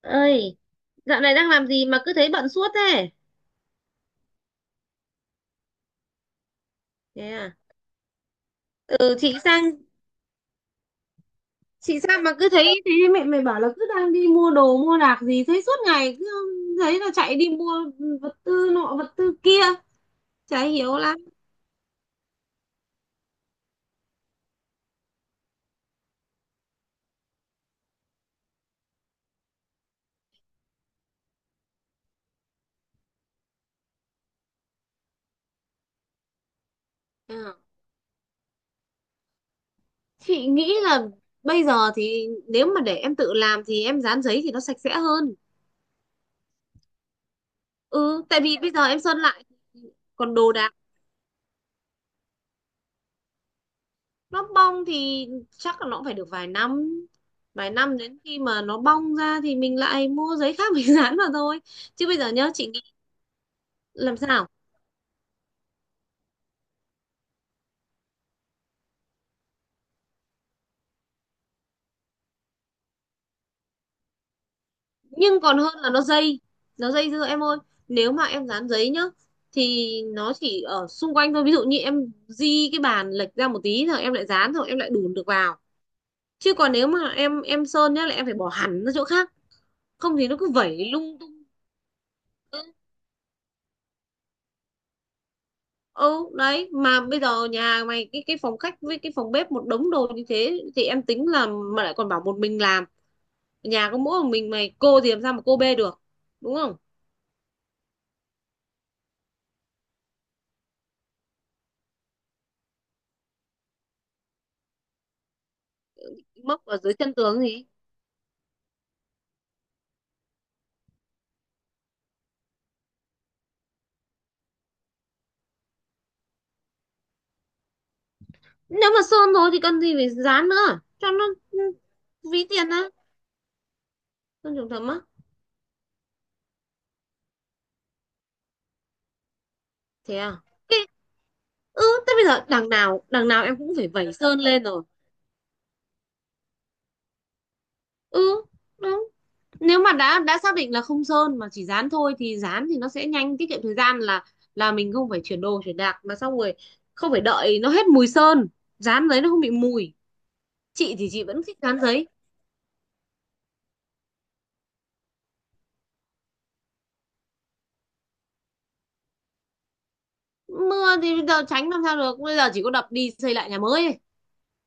Ơi, dạo này đang làm gì mà cứ thấy bận suốt thế? Thế à? Ừ, chị sang mà cứ thấy thế. Mẹ mày bảo là cứ đang đi mua đồ mua đạc gì thấy suốt ngày cứ thấy là chạy đi mua vật tư nọ vật tư kia, chả hiểu lắm. Ờ, chị nghĩ là bây giờ thì nếu mà để em tự làm thì em dán giấy thì nó sạch sẽ hơn. Ừ, tại vì bây giờ em sơn lại. Còn đồ đạc. Nó bong thì chắc là nó cũng phải được vài năm. Vài năm, đến khi mà nó bong ra thì mình lại mua giấy khác mình dán vào thôi. Chứ bây giờ nhá chị nghĩ. Làm sao? Nhưng còn hơn là nó dây. Nó dây dưa em ơi. Nếu mà em dán giấy nhá thì nó chỉ ở xung quanh thôi, ví dụ như em di cái bàn lệch ra một tí rồi em lại dán rồi em lại đùn được vào. Chứ còn nếu mà em sơn nhá là em phải bỏ hẳn ra chỗ khác. Không thì nó cứ vẩy lung tung. Ừ đấy, mà bây giờ nhà mày cái phòng khách với cái phòng bếp một đống đồ như thế thì em tính là. Mà lại còn bảo một mình làm. Nhà có mỗi một mình mày, cô thì làm sao mà cô bê được? Đúng không? Móc ở dưới chân tường gì? Nếu mà sơn rồi thì cần gì phải dán nữa cho nó? Ừ, ví tiền á? Sơn trùng thấm á? Thế à? Cái- ừ, thế bây giờ đằng nào em cũng phải vẩy sơn lên rồi. Ừ, đúng. Nếu mà đã xác định là không sơn mà chỉ dán thôi thì dán thì nó sẽ nhanh, tiết kiệm thời gian là mình không phải chuyển đồ chuyển đạc mà, xong rồi không phải đợi nó hết mùi sơn. Dán giấy nó không bị mùi. Chị thì chị vẫn thích dán giấy. Mưa thì bây giờ tránh làm sao được, bây giờ chỉ có đập đi xây lại nhà mới ấy.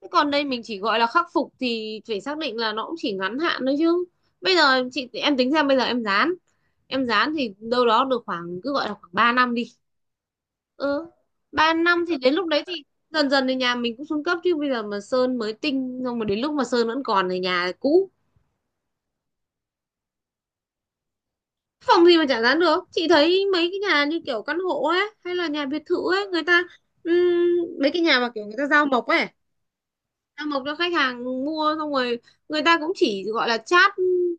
Thế còn đây mình chỉ gọi là khắc phục thì phải xác định là nó cũng chỉ ngắn hạn thôi chứ. Bây giờ chị em tính xem bây giờ em dán thì đâu đó được khoảng, cứ gọi là khoảng 3 năm đi. Ừ, 3 năm thì đến lúc đấy thì dần dần thì nhà mình cũng xuống cấp, chứ bây giờ mà sơn mới tinh xong mà đến lúc mà sơn vẫn còn thì nhà cũ. Phòng gì mà chả dán được. Chị thấy mấy cái nhà như kiểu căn hộ ấy hay là nhà biệt thự ấy, người ta, ừm, mấy cái nhà mà kiểu người ta giao mộc ấy, giao mộc cho khách hàng mua xong rồi, người ta cũng chỉ gọi là chát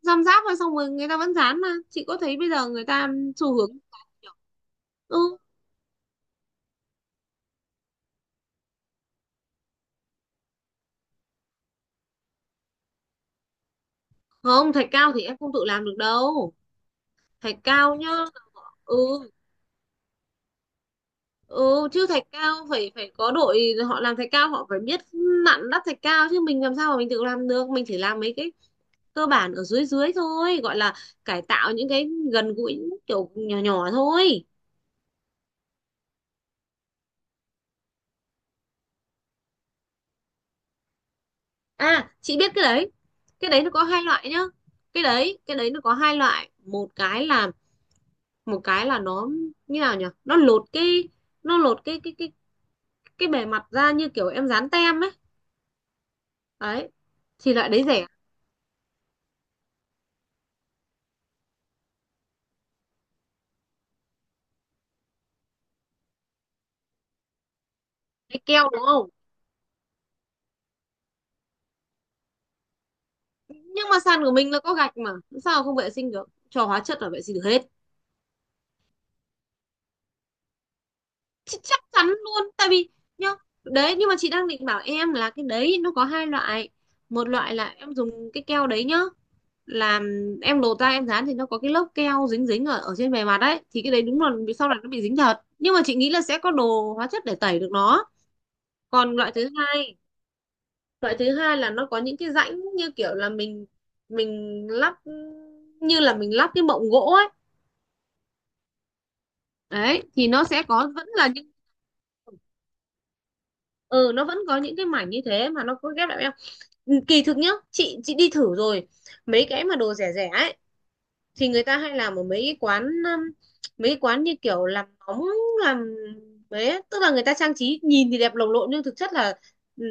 răm ráp thôi, xong rồi người ta vẫn dán mà. Chị có thấy bây giờ người ta xu hướng dán nhiều. Ừ. Không, thạch cao thì em không tự làm được đâu. Thạch cao nhá. Ừ. Ừ, chứ thạch cao phải phải có đội họ làm thạch cao, họ phải biết nặn đắp thạch cao chứ mình làm sao mà mình tự làm được. Mình chỉ làm mấy cái cơ bản ở dưới dưới thôi, gọi là cải tạo những cái gần gũi kiểu nhỏ nhỏ thôi. À, chị biết Cái đấy nó có hai loại nhá. Cái đấy cái đấy nó có hai loại, một cái là nó, như nào nhỉ, nó lột cái bề mặt ra như kiểu em dán tem ấy. Đấy thì loại đấy rẻ. Cái keo đúng không? Nhưng mà sàn của mình là có gạch mà. Sao không vệ sinh được, cho hóa chất là vệ sinh được hết. Chắc chắn luôn tại vì nhá, đấy. Nhưng mà chị đang định bảo em là cái đấy nó có hai loại. Một loại là em dùng cái keo đấy nhá, làm, em lột ra em dán thì nó có cái lớp keo dính dính ở ở trên bề mặt đấy thì cái đấy đúng là sau này nó bị dính thật, nhưng mà chị nghĩ là sẽ có đồ hóa chất để tẩy được nó. Còn loại thứ hai, loại thứ hai là nó có những cái rãnh như kiểu là mình lắp, như là mình lắp cái mộng gỗ ấy. Đấy thì nó sẽ có, vẫn là những, ừ, nó vẫn có những cái mảnh như thế mà nó có ghép lại với nhau. Ừ, kỳ thực nhá, chị đi thử rồi. Mấy cái mà đồ rẻ rẻ ấy thì người ta hay làm ở mấy cái quán, mấy cái quán như kiểu làm móng, làm, đấy tức là người ta trang trí nhìn thì đẹp lồng lộn nhưng thực chất là, ừ,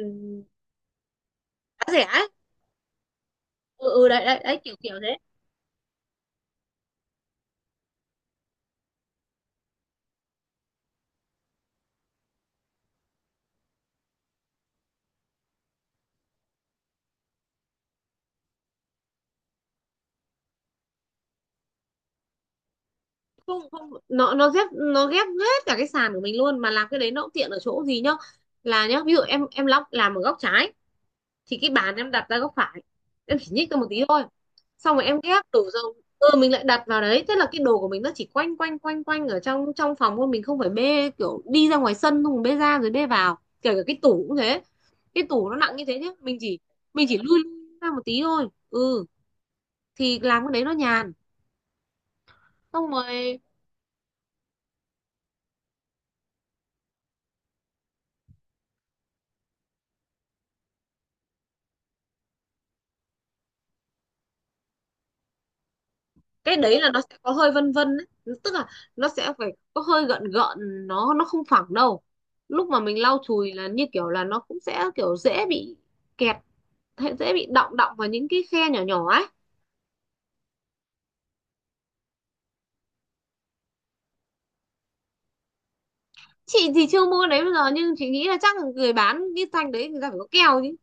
giá rẻ ấy. Ừ, ừ đấy, đấy kiểu kiểu thế. Không không, nó ghép hết cả cái sàn của mình luôn, mà làm cái đấy nó cũng tiện ở chỗ gì nhá, là nhá, ví dụ em lóc làm ở góc trái. Thì cái bàn em đặt ra góc phải, em chỉ nhích ra một tí thôi. Xong rồi em ghép đổ dầu, ừ, mình lại đặt vào đấy thế là cái đồ của mình nó chỉ quanh quanh quanh quanh ở trong trong phòng thôi, mình không phải bê kiểu đi ra ngoài sân xong rồi bê ra rồi bê vào, kể cả cái tủ cũng thế. Cái tủ nó nặng như thế chứ mình chỉ lui lui ra một tí thôi, ừ. Thì làm cái đấy nó nhàn. Xong rồi, cái đấy là nó sẽ có hơi vân vân ấy, tức là nó sẽ phải có hơi gợn gợn, nó không phẳng đâu. Lúc mà mình lau chùi là như kiểu là nó cũng sẽ kiểu dễ bị kẹt, hay dễ bị đọng đọng vào những cái khe nhỏ nhỏ ấy. Chị thì chưa mua cái đấy bây giờ nhưng chị nghĩ là chắc là người bán cái thanh đấy người ta phải có keo chứ.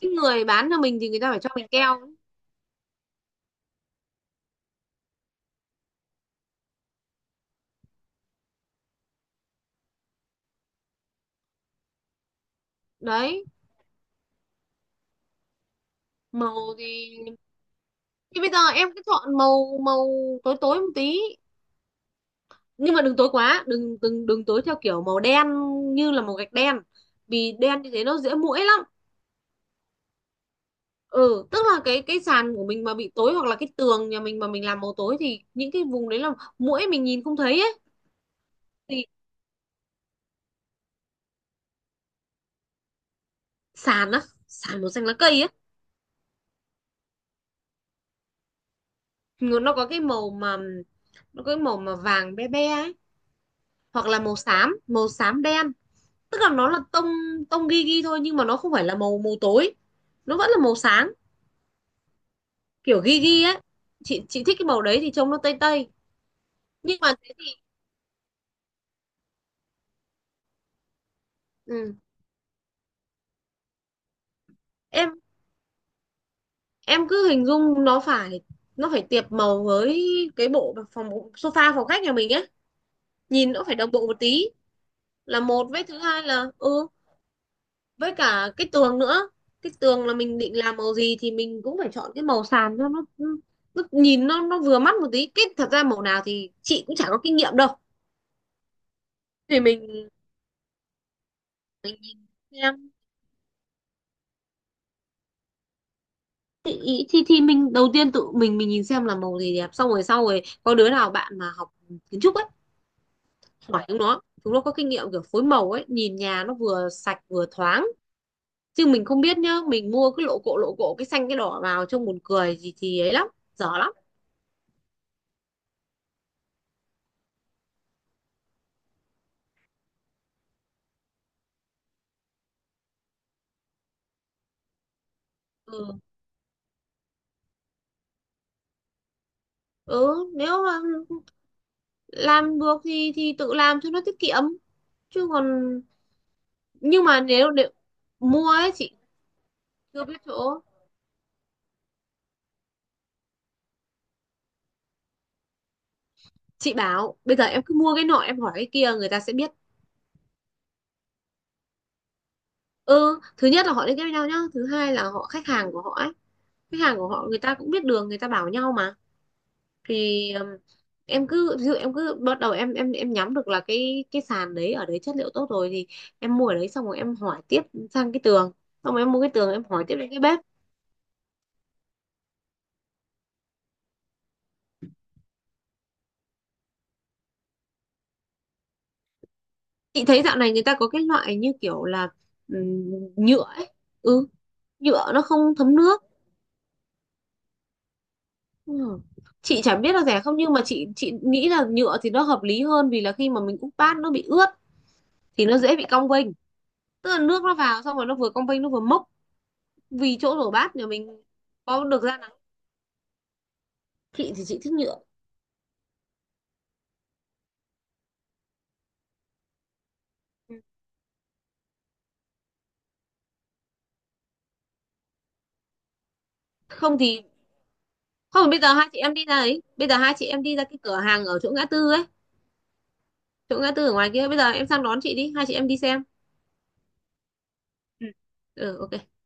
Cái người bán cho mình thì người ta phải cho mình keo. Đấy, màu thì bây giờ em cứ chọn màu màu tối tối một tí. Nhưng mà đừng tối quá, đừng đừng đừng tối theo kiểu màu đen, như là màu gạch đen. Vì đen như thế nó dễ muỗi lắm. Ừ, tức là cái sàn của mình mà bị tối hoặc là cái tường nhà mình mà mình làm màu tối thì những cái vùng đấy là muỗi mình nhìn không thấy ấy. Thì, sàn á? Sàn màu xanh lá cây ấy? Nó nó có cái màu mà nó có cái màu mà vàng be be ấy, hoặc là màu xám, màu xám đen. Tức là nó là tông tông ghi ghi thôi, nhưng mà nó không phải là màu màu tối, nó vẫn là màu sáng, kiểu ghi ghi ấy. Chị thích cái màu đấy thì trông nó tây tây. Nhưng mà thế thì, ừ, em em cứ hình dung nó phải, nó phải tiệp màu với cái sofa phòng khách nhà mình ấy. Nhìn nó phải đồng bộ một tí. Là một, với thứ hai là ừ, với cả cái tường nữa. Cái tường là mình định làm màu gì thì mình cũng phải chọn cái màu sàn cho nó, ừ, nó nhìn nó vừa mắt một tí. Cái thật ra màu nào thì chị cũng chả có kinh nghiệm đâu. Thì mình nhìn xem. Thì, ý- thì thì mình đầu tiên tự mình nhìn xem là màu gì đẹp, xong rồi sau rồi có đứa nào bạn mà học kiến trúc ấy, hỏi chúng nó, chúng nó có kinh nghiệm kiểu phối màu ấy, nhìn nhà nó vừa sạch vừa thoáng. Chứ mình không biết nhá, mình mua cái lộ cộ cái xanh cái đỏ vào trông buồn cười gì thì ấy lắm, dở lắm. Ừ. Ừ, nếu mà làm được thì tự làm cho nó tiết kiệm. Chứ còn, nhưng mà nếu mua ấy chị chưa biết chỗ. Chị bảo bây giờ em cứ mua cái nọ em hỏi cái kia người ta sẽ biết. Ừ, thứ nhất là họ liên kết với nhau nhá, thứ hai là họ, khách hàng của họ ấy, khách hàng của họ người ta cũng biết đường người ta bảo nhau mà. Thì em cứ ví dụ, em cứ bắt đầu em nhắm được là cái sàn đấy ở đấy chất liệu tốt rồi thì em mua ở đấy xong rồi em hỏi tiếp sang cái tường. Xong rồi em mua cái tường em hỏi tiếp đến cái bếp. Chị thấy dạo này người ta có cái loại như kiểu là, nhựa ấy. Ừ, nhựa nó không thấm nước. Ừ. Chị chẳng biết là rẻ không nhưng mà chị nghĩ là nhựa thì nó hợp lý hơn vì là khi mà mình úp bát nó bị ướt thì nó dễ bị cong vênh. Tức là nước nó vào xong rồi nó vừa cong vênh nó vừa mốc. Vì chỗ rửa bát nhà mình có được ra. Chị thì chị thích nhựa. Ừ. Không thì, không, bây giờ hai chị em đi ra ấy. Bây giờ hai chị em đi ra cái cửa hàng ở chỗ ngã tư ấy, chỗ ngã tư ở ngoài kia. Bây giờ em sang đón chị đi, hai chị em đi xem. Ừ. Ừ, ok.